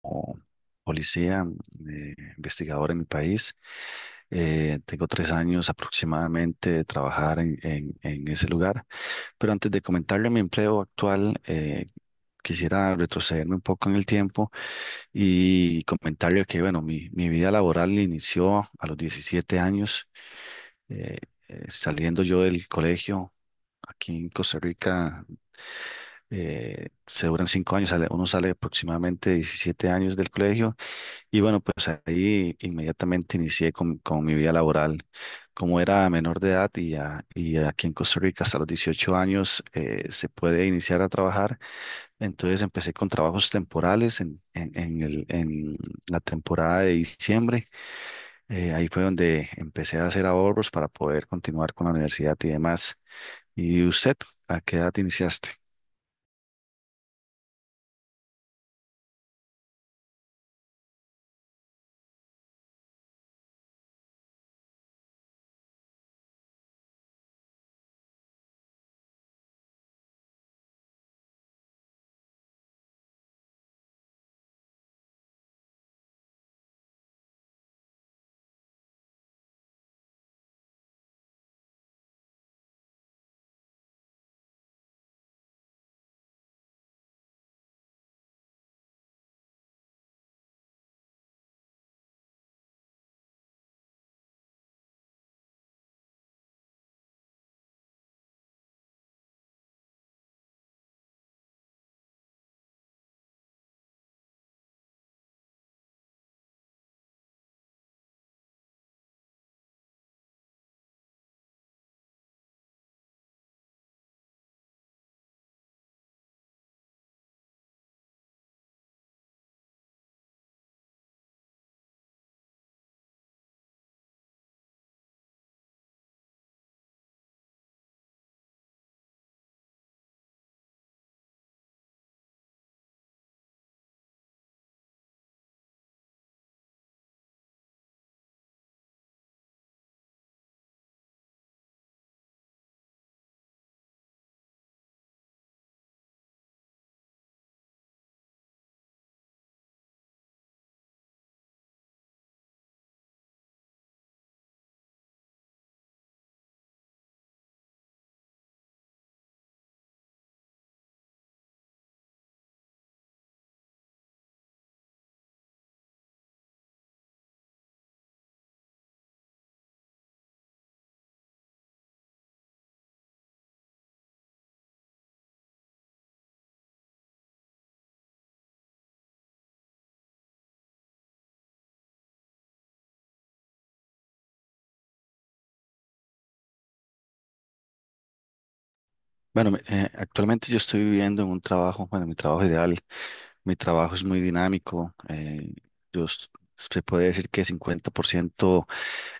Como policía, investigador en mi país. Tengo 3 años aproximadamente de trabajar en ese lugar. Pero antes de comentarle mi empleo actual, quisiera retrocederme un poco en el tiempo y comentarle que, bueno, mi vida laboral inició a los 17 años, eh, saliendo yo del colegio. Aquí en Costa Rica se duran 5 años, uno sale aproximadamente 17 años del colegio. Y bueno, pues ahí inmediatamente inicié con mi vida laboral. Como era menor de edad y, y aquí en Costa Rica hasta los 18 años se puede iniciar a trabajar, entonces empecé con trabajos temporales en la temporada de diciembre. Ahí fue donde empecé a hacer ahorros para poder continuar con la universidad y demás. ¿Y usted, a qué edad iniciaste? Bueno, actualmente yo estoy viviendo en un trabajo, bueno, mi trabajo ideal, mi trabajo es muy dinámico, yo s- se puede decir que 50%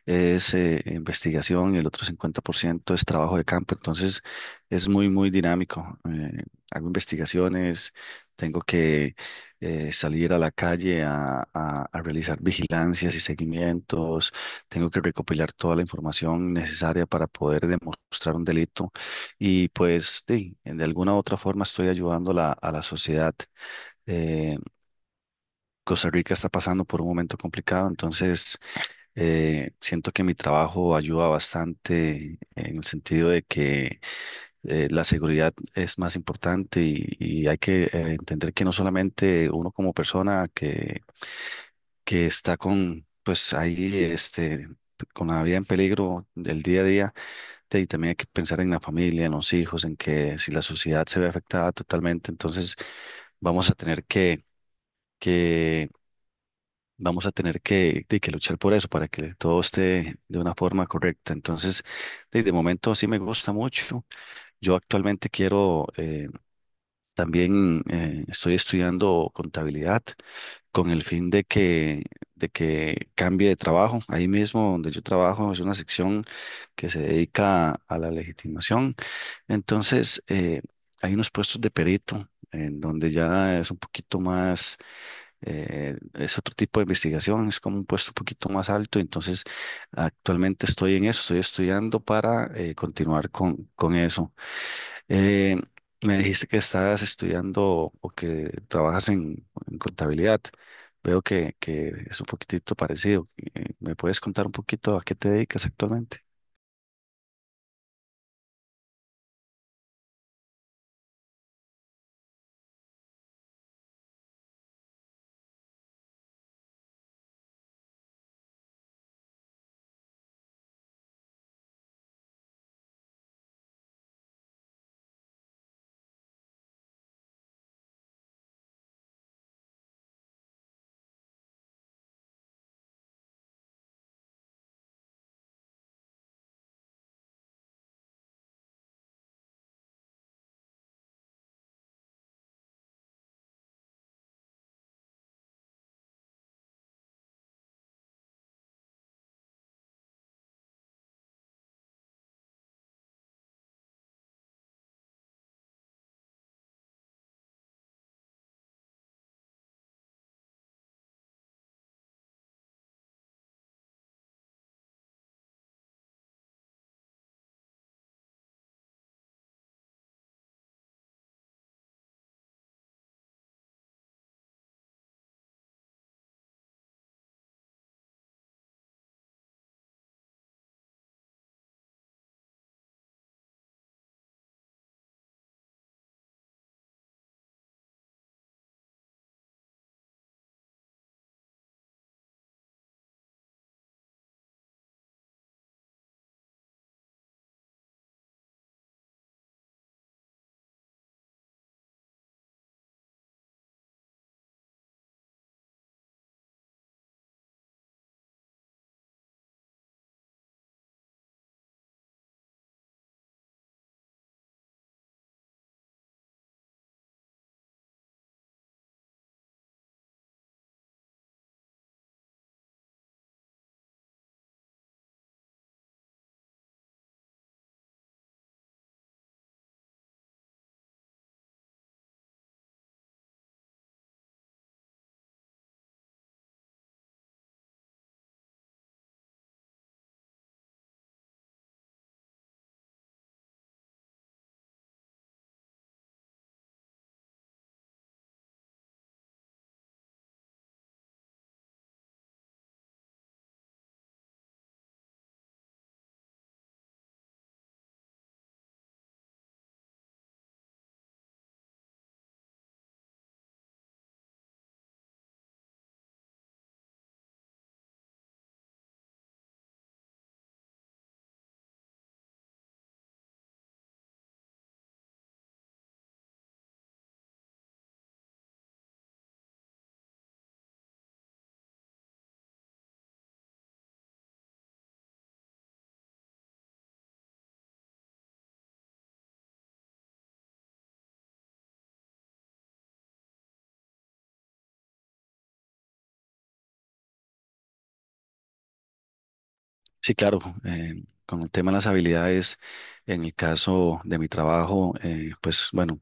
es investigación y el otro 50% es trabajo de campo. Entonces es muy, muy dinámico. Hago investigaciones, tengo que salir a la calle a, a realizar vigilancias y seguimientos, tengo que recopilar toda la información necesaria para poder demostrar un delito y pues sí, de alguna u otra forma estoy ayudando a la sociedad. Eh, Costa Rica está pasando por un momento complicado, entonces siento que mi trabajo ayuda bastante en el sentido de que la seguridad es más importante y hay que entender que no solamente uno como persona que está con, pues ahí, este, con la vida en peligro del día a día, y también hay que pensar en la familia, en los hijos, en que si la sociedad se ve afectada totalmente, entonces vamos a tener que que luchar por eso, para que todo esté de una forma correcta. Entonces, de momento sí me gusta mucho. Yo actualmente quiero, también estoy estudiando contabilidad con el fin de que cambie de trabajo. Ahí mismo donde yo trabajo es una sección que se dedica a la legitimación. Entonces, hay unos puestos de perito en donde ya es un poquito más es otro tipo de investigación, es como un puesto un poquito más alto, entonces actualmente estoy en eso, estoy estudiando para continuar con eso. Eh, Me dijiste que estás estudiando o que trabajas en contabilidad, veo que es un poquitito parecido. ¿Me puedes contar un poquito a qué te dedicas actualmente? Sí, claro. Con el tema de las habilidades, en el caso de mi trabajo, pues bueno,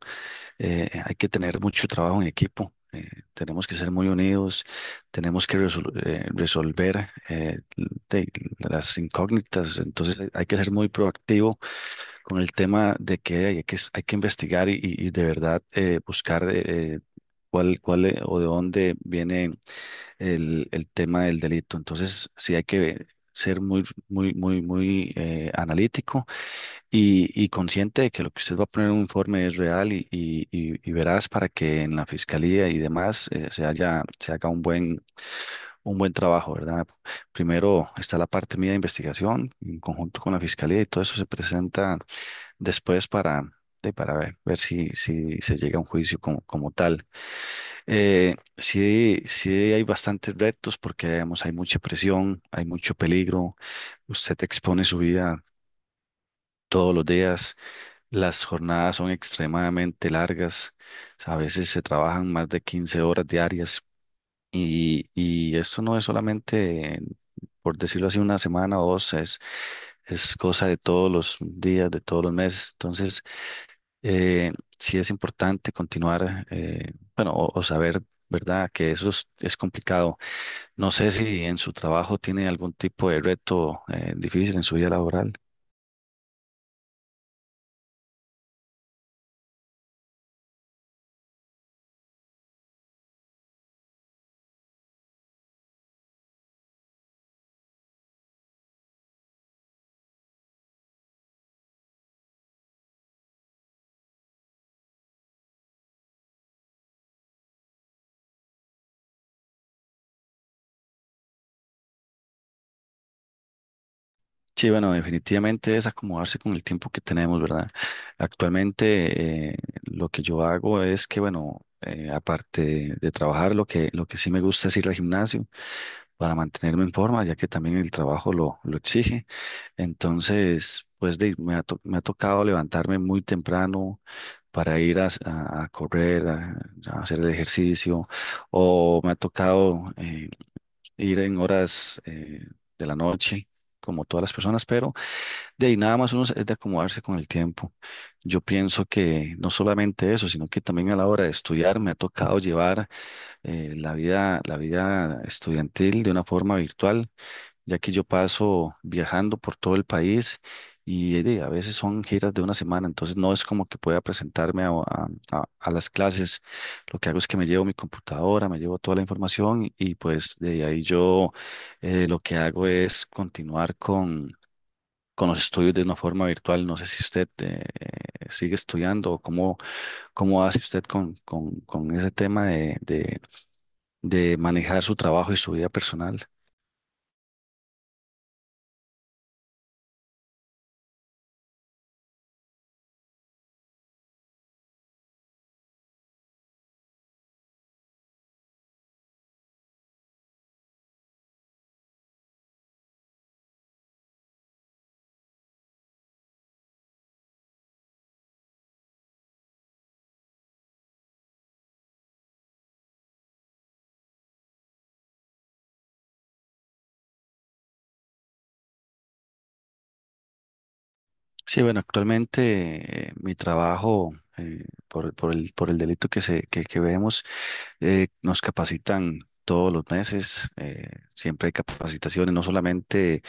hay que tener mucho trabajo en equipo, tenemos que ser muy unidos, tenemos que resolver de- las incógnitas, entonces hay que ser muy proactivo con el tema de que hay que, hay que investigar y, de verdad buscar cuál, cuál o de dónde viene el tema del delito. Entonces, sí hay que ser muy, muy, muy, muy analítico y consciente de que lo que usted va a poner en un informe es real y veraz para que en la fiscalía y demás se haga un buen trabajo, ¿verdad? Primero está la parte mía de investigación en conjunto con la fiscalía y todo eso se presenta después para, para ver, ver si, si se llega a un juicio como, como tal. Sí, sí hay bastantes retos porque digamos, hay mucha presión, hay mucho peligro, usted expone su vida todos los días, las jornadas son extremadamente largas, a veces se trabajan más de 15 horas diarias y esto no es solamente, por decirlo así, una semana o dos, es cosa de todos los días, de todos los meses. Entonces, eh, sí es importante continuar, bueno, o saber, ¿verdad?, que eso es complicado. No sé si en su trabajo tiene algún tipo de reto, difícil en su vida laboral. Sí, bueno, definitivamente es acomodarse con el tiempo que tenemos, ¿verdad? Actualmente lo que yo hago es que, bueno, aparte de trabajar, lo que sí me gusta es ir al gimnasio para mantenerme en forma, ya que también el trabajo lo exige. Entonces, pues me ha, me ha tocado levantarme muy temprano para ir a, a correr, a hacer el ejercicio, o me ha tocado ir en horas de la noche, como todas las personas, pero de ahí nada más uno es de acomodarse con el tiempo. Yo pienso que no solamente eso, sino que también a la hora de estudiar me ha tocado llevar la vida estudiantil de una forma virtual, ya que yo paso viajando por todo el país y a veces son giras de una semana, entonces no es como que pueda presentarme a, a las clases. Lo que hago es que me llevo mi computadora, me llevo toda la información y pues de ahí yo lo que hago es continuar con los estudios de una forma virtual. No sé si usted sigue estudiando o cómo, cómo hace usted con ese tema de manejar su trabajo y su vida personal. Sí, bueno, actualmente mi trabajo por el delito que que vemos nos capacitan todos los meses, siempre hay capacitaciones, no solamente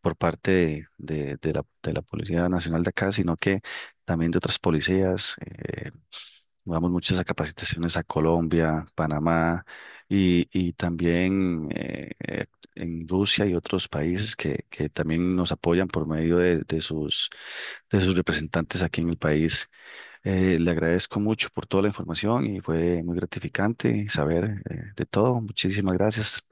por parte de la Policía Nacional de acá, sino que también de otras policías. Vamos muchas a capacitaciones a Colombia, Panamá y también en Rusia y otros países que también nos apoyan por medio de sus representantes aquí en el país. Le agradezco mucho por toda la información y fue muy gratificante saber de todo. Muchísimas gracias.